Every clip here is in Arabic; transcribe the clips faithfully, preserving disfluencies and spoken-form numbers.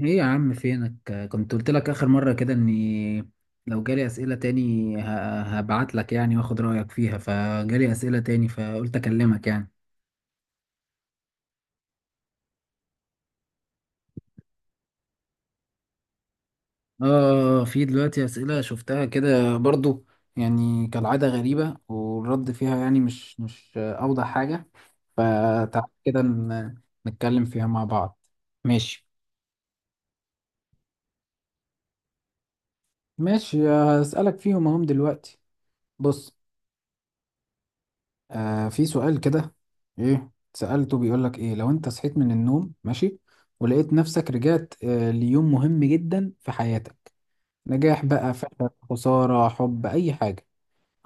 ايه يا عم، فينك؟ كنت قلت لك اخر مرة كده اني لو جالي اسئلة تاني ه- هبعت لك يعني واخد رأيك فيها، فجالي اسئلة تاني فقلت اكلمك يعني. اه، في دلوقتي اسئلة شفتها كده برضو، يعني كالعادة غريبة والرد فيها يعني مش مش اوضح حاجة. فتعال كده ن- نتكلم فيها مع بعض. ماشي. ماشي، هسألك فيهم اهم دلوقتي. بص. آه في سؤال كده. ايه، سألته بيقول لك: ايه لو انت صحيت من النوم، ماشي، ولقيت نفسك رجعت آه ليوم مهم جدا في حياتك، نجاح بقى، فشل، خسارة، حب، اي حاجة.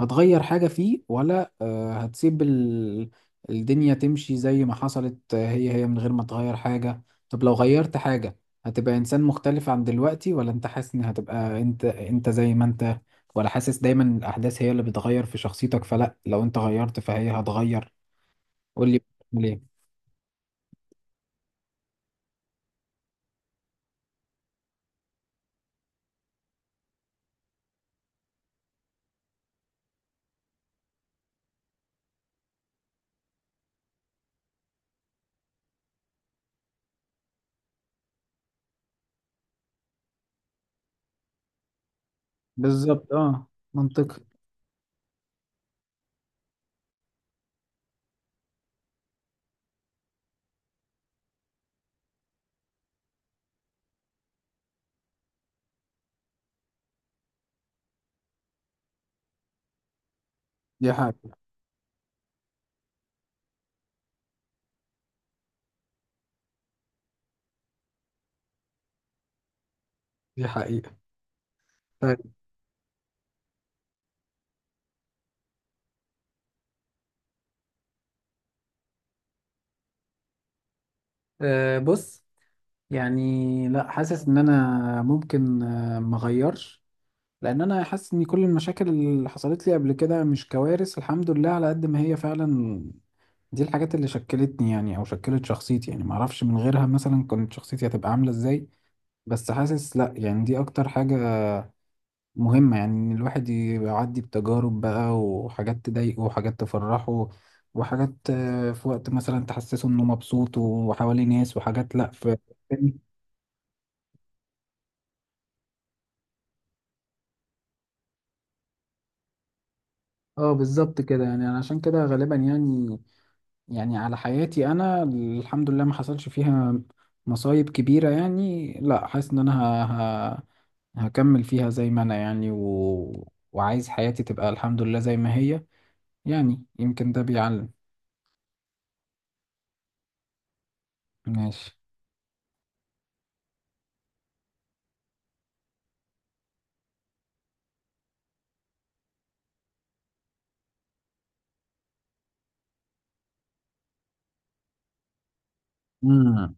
هتغير حاجة فيه، ولا آه هتسيب ال... الدنيا تمشي زي ما حصلت، آه، هي هي من غير ما تغير حاجة؟ طب، لو غيرت حاجة، هتبقى انسان مختلف عن دلوقتي، ولا انت حاسس ان هتبقى انت انت زي ما انت؟ ولا حاسس دايما الاحداث هي اللي بتغير في شخصيتك، فلا لو انت غيرت فهي هتغير؟ قول لي، بتعمل ايه؟ بالظبط، اه. منطقي. دي حقيقة. دي حقيقة. طيب. آه بص. يعني لا، حاسس ان انا ممكن آه ما اغيرش، لان انا حاسس ان كل المشاكل اللي حصلت لي قبل كده مش كوارث، الحمد لله، على قد ما هي فعلا. دي الحاجات اللي شكلتني يعني او شكلت شخصيتي، يعني ما اعرفش من غيرها مثلا كانت شخصيتي هتبقى عاملة ازاي. بس حاسس لا، يعني دي اكتر حاجة مهمة، يعني إن الواحد يعدي بتجارب بقى، وحاجات تضايقه وحاجات تفرحه، وحاجات آه، في وقت مثلا تحسسه إنه مبسوط وحواليه ناس، وحاجات لأ، في. اه، بالظبط كده يعني، أنا عشان كده غالبا يعني، يعني على حياتي، أنا الحمد لله ما حصلش فيها مصايب كبيرة، يعني لأ، حاسس إن أنا ه... ه... هكمل فيها زي ما أنا يعني و... وعايز حياتي تبقى الحمد لله زي ما هي. يعني يمكن ده بيعلم. ماشي. مم.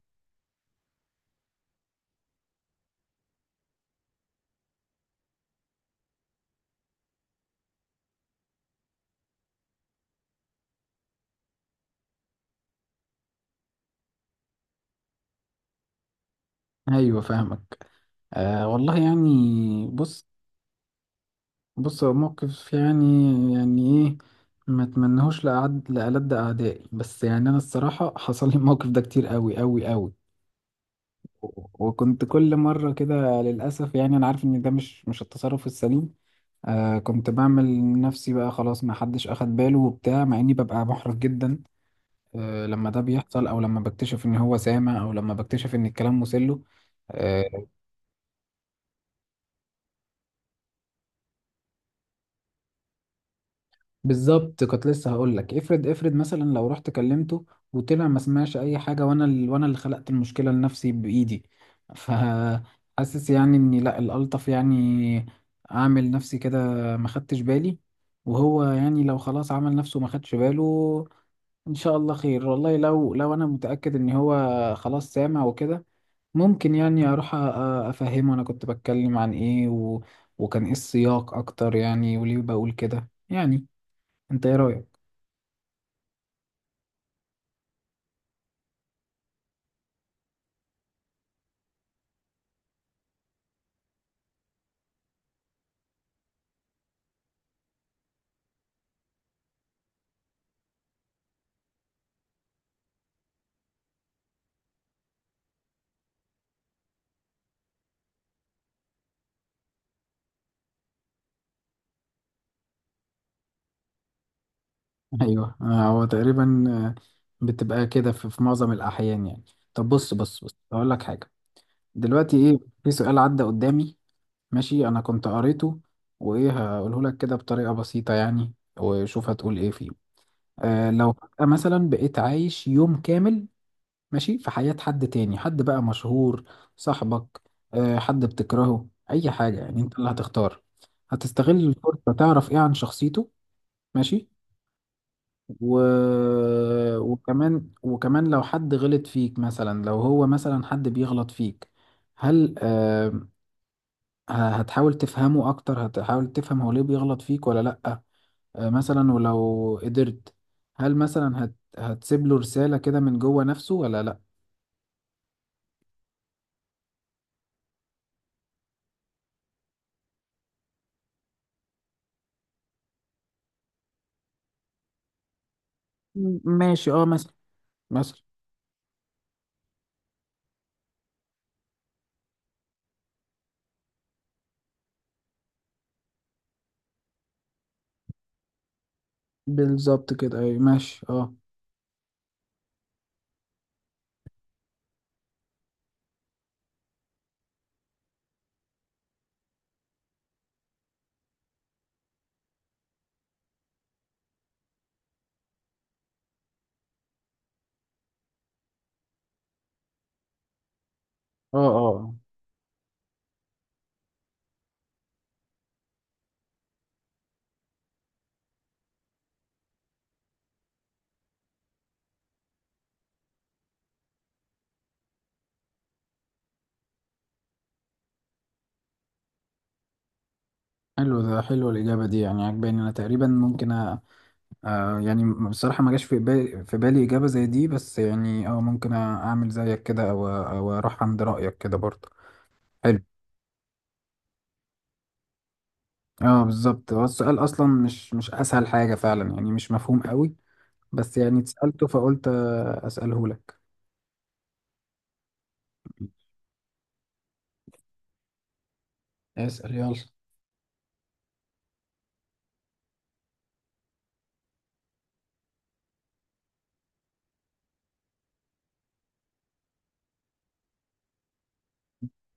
ايوه، فاهمك. آه والله يعني. بص، بص، هو موقف يعني، يعني ايه. ما اتمنهوش لأعد لألد أعدائي، بس يعني أنا الصراحة حصل لي الموقف ده كتير قوي قوي قوي. و- وكنت كل مرة كده للأسف، يعني أنا عارف إن ده مش مش التصرف السليم. آه كنت بعمل نفسي بقى خلاص ما حدش أخد باله وبتاع، مع إني ببقى محرج جدا. آه لما ده بيحصل، أو لما بكتشف إن هو سامع، أو لما بكتشف إن الكلام مسله. آه، بالظبط كنت لسه هقول لك، افرض افرض مثلا لو رحت كلمته وطلع ما سمعش اي حاجه، وانا ال... وانا اللي خلقت المشكله لنفسي بايدي. فحاسس يعني اني لا، الالطف يعني اعمل نفسي كده، ما خدتش بالي، وهو يعني لو خلاص عمل نفسه ما خدش باله. ان شاء الله خير، والله لو لو انا متاكد ان هو خلاص سامع وكده، ممكن يعني اروح أ- افهمه، انا كنت بتكلم عن ايه و... وكان ايه السياق اكتر يعني، وليه بقول كده يعني. انت ايه رايك؟ ايوه، آه، هو تقريبا آه، بتبقى كده في في معظم الاحيان يعني. طب، بص بص بص، هقول لك حاجه. دلوقتي ايه، في سؤال عدى قدامي. ماشي، انا كنت قريته، وايه، هقوله لك كده بطريقه بسيطه يعني، وشوف هتقول ايه فيه. آه لو فجأة مثلا بقيت عايش يوم كامل، ماشي، في حياه حد تاني، حد بقى مشهور، صاحبك، آه حد بتكرهه، اي حاجه يعني انت اللي هتختار. هتستغل الفرصه تعرف ايه عن شخصيته؟ ماشي. و... وكمان وكمان لو حد غلط فيك، مثلا لو هو مثلا حد بيغلط فيك، هل آه، ه- هتحاول تفهمه اكتر، هتحاول تفهم هو ليه بيغلط فيك ولا لأ؟ آه، مثلا، ولو قدرت، هل مثلا هت... هتسيب له رسالة كده من جوه نفسه ولا لأ؟ م- ماشي، اه، مثلا. مثلا. بالظبط كده، اي، ماشي، اه. اه، اه، آه. حلو ده، حلو الإجابة دي يعني، عجباني، أنا تقريبا ممكن، آه يعني بصراحة ما جاش في بالي في بالي إجابة زي دي، بس يعني اه ممكن أ- أعمل زيك كده، أو أو أروح عند رأيك كده برضه. حلو. اه، بالظبط هو السؤال أصلا مش مش أسهل حاجة فعلا يعني، مش مفهوم قوي. بس يعني اتسألته فقلت آه، أسأله لك. اسأل يلا.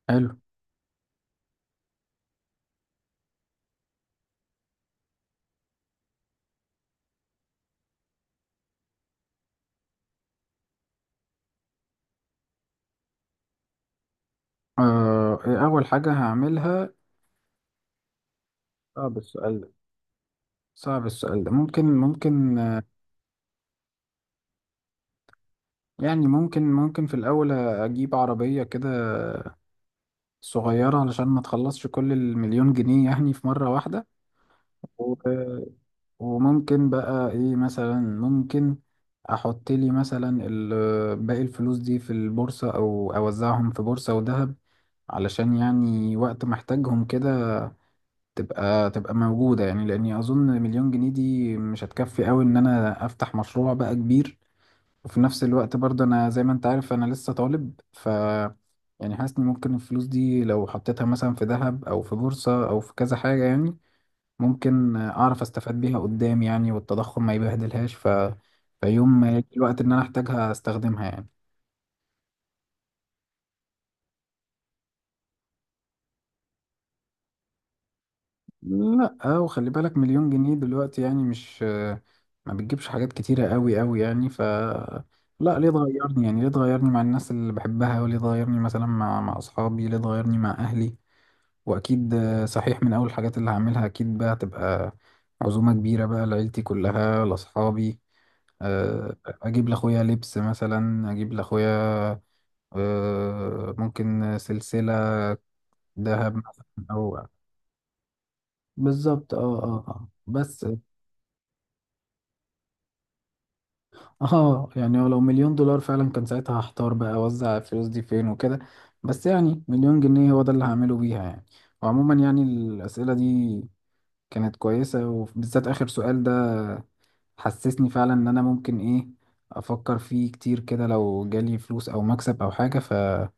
حلو. آه إيه أول حاجة هعملها؟ صعب السؤال ده. صعب السؤال ده، ممكن ممكن آه، يعني ممكن ممكن في الأول أجيب عربية كده صغيرة، علشان ما تخلصش كل المليون جنيه يعني في مرة واحدة. و- وممكن بقى ايه، مثلا ممكن احط لي مثلا ال- باقي الفلوس دي في البورصة، او اوزعهم في بورصة وذهب، علشان يعني وقت محتاجهم كده تبقى تبقى موجودة. يعني لاني اظن مليون جنيه دي مش هتكفي قوي ان انا افتح مشروع بقى كبير، وفي نفس الوقت برضه انا زي ما انت عارف انا لسه طالب. ف يعني حاسس ان ممكن الفلوس دي لو حطيتها مثلا في ذهب او في بورصة او في كذا حاجة يعني، ممكن اعرف استفاد بيها قدام، يعني والتضخم ما يبهدلهاش، ف فيوم ما يجي الوقت ان انا احتاجها استخدمها يعني. لا، وخلي بالك مليون جنيه دلوقتي يعني، مش ما بتجيبش حاجات كتيرة قوي قوي يعني. ف لا، ليه تغيرني يعني؟ ليه تغيرني مع الناس اللي بحبها، وليه تغيرني مثلا مع مع اصحابي، ليه تغيرني مع اهلي؟ واكيد آه، صحيح، من اول الحاجات اللي هعملها اكيد بقى تبقى عزومة كبيرة بقى لعيلتي كلها، لاصحابي. أه، اجيب لاخويا لبس مثلا، اجيب لاخويا آه، ممكن سلسلة ذهب مثلا. أو، بالظبط، اه. اه، اه، بس اه، يعني لو مليون دولار فعلا كان ساعتها هحتار بقى اوزع الفلوس دي فين وكده. بس يعني مليون جنيه هو ده اللي هعمله بيها يعني. وعموما يعني الأسئلة دي كانت كويسة، وبالذات آخر سؤال ده حسسني فعلا ان انا ممكن ايه، افكر فيه كتير كده لو جالي فلوس او مكسب او حاجة فجامد.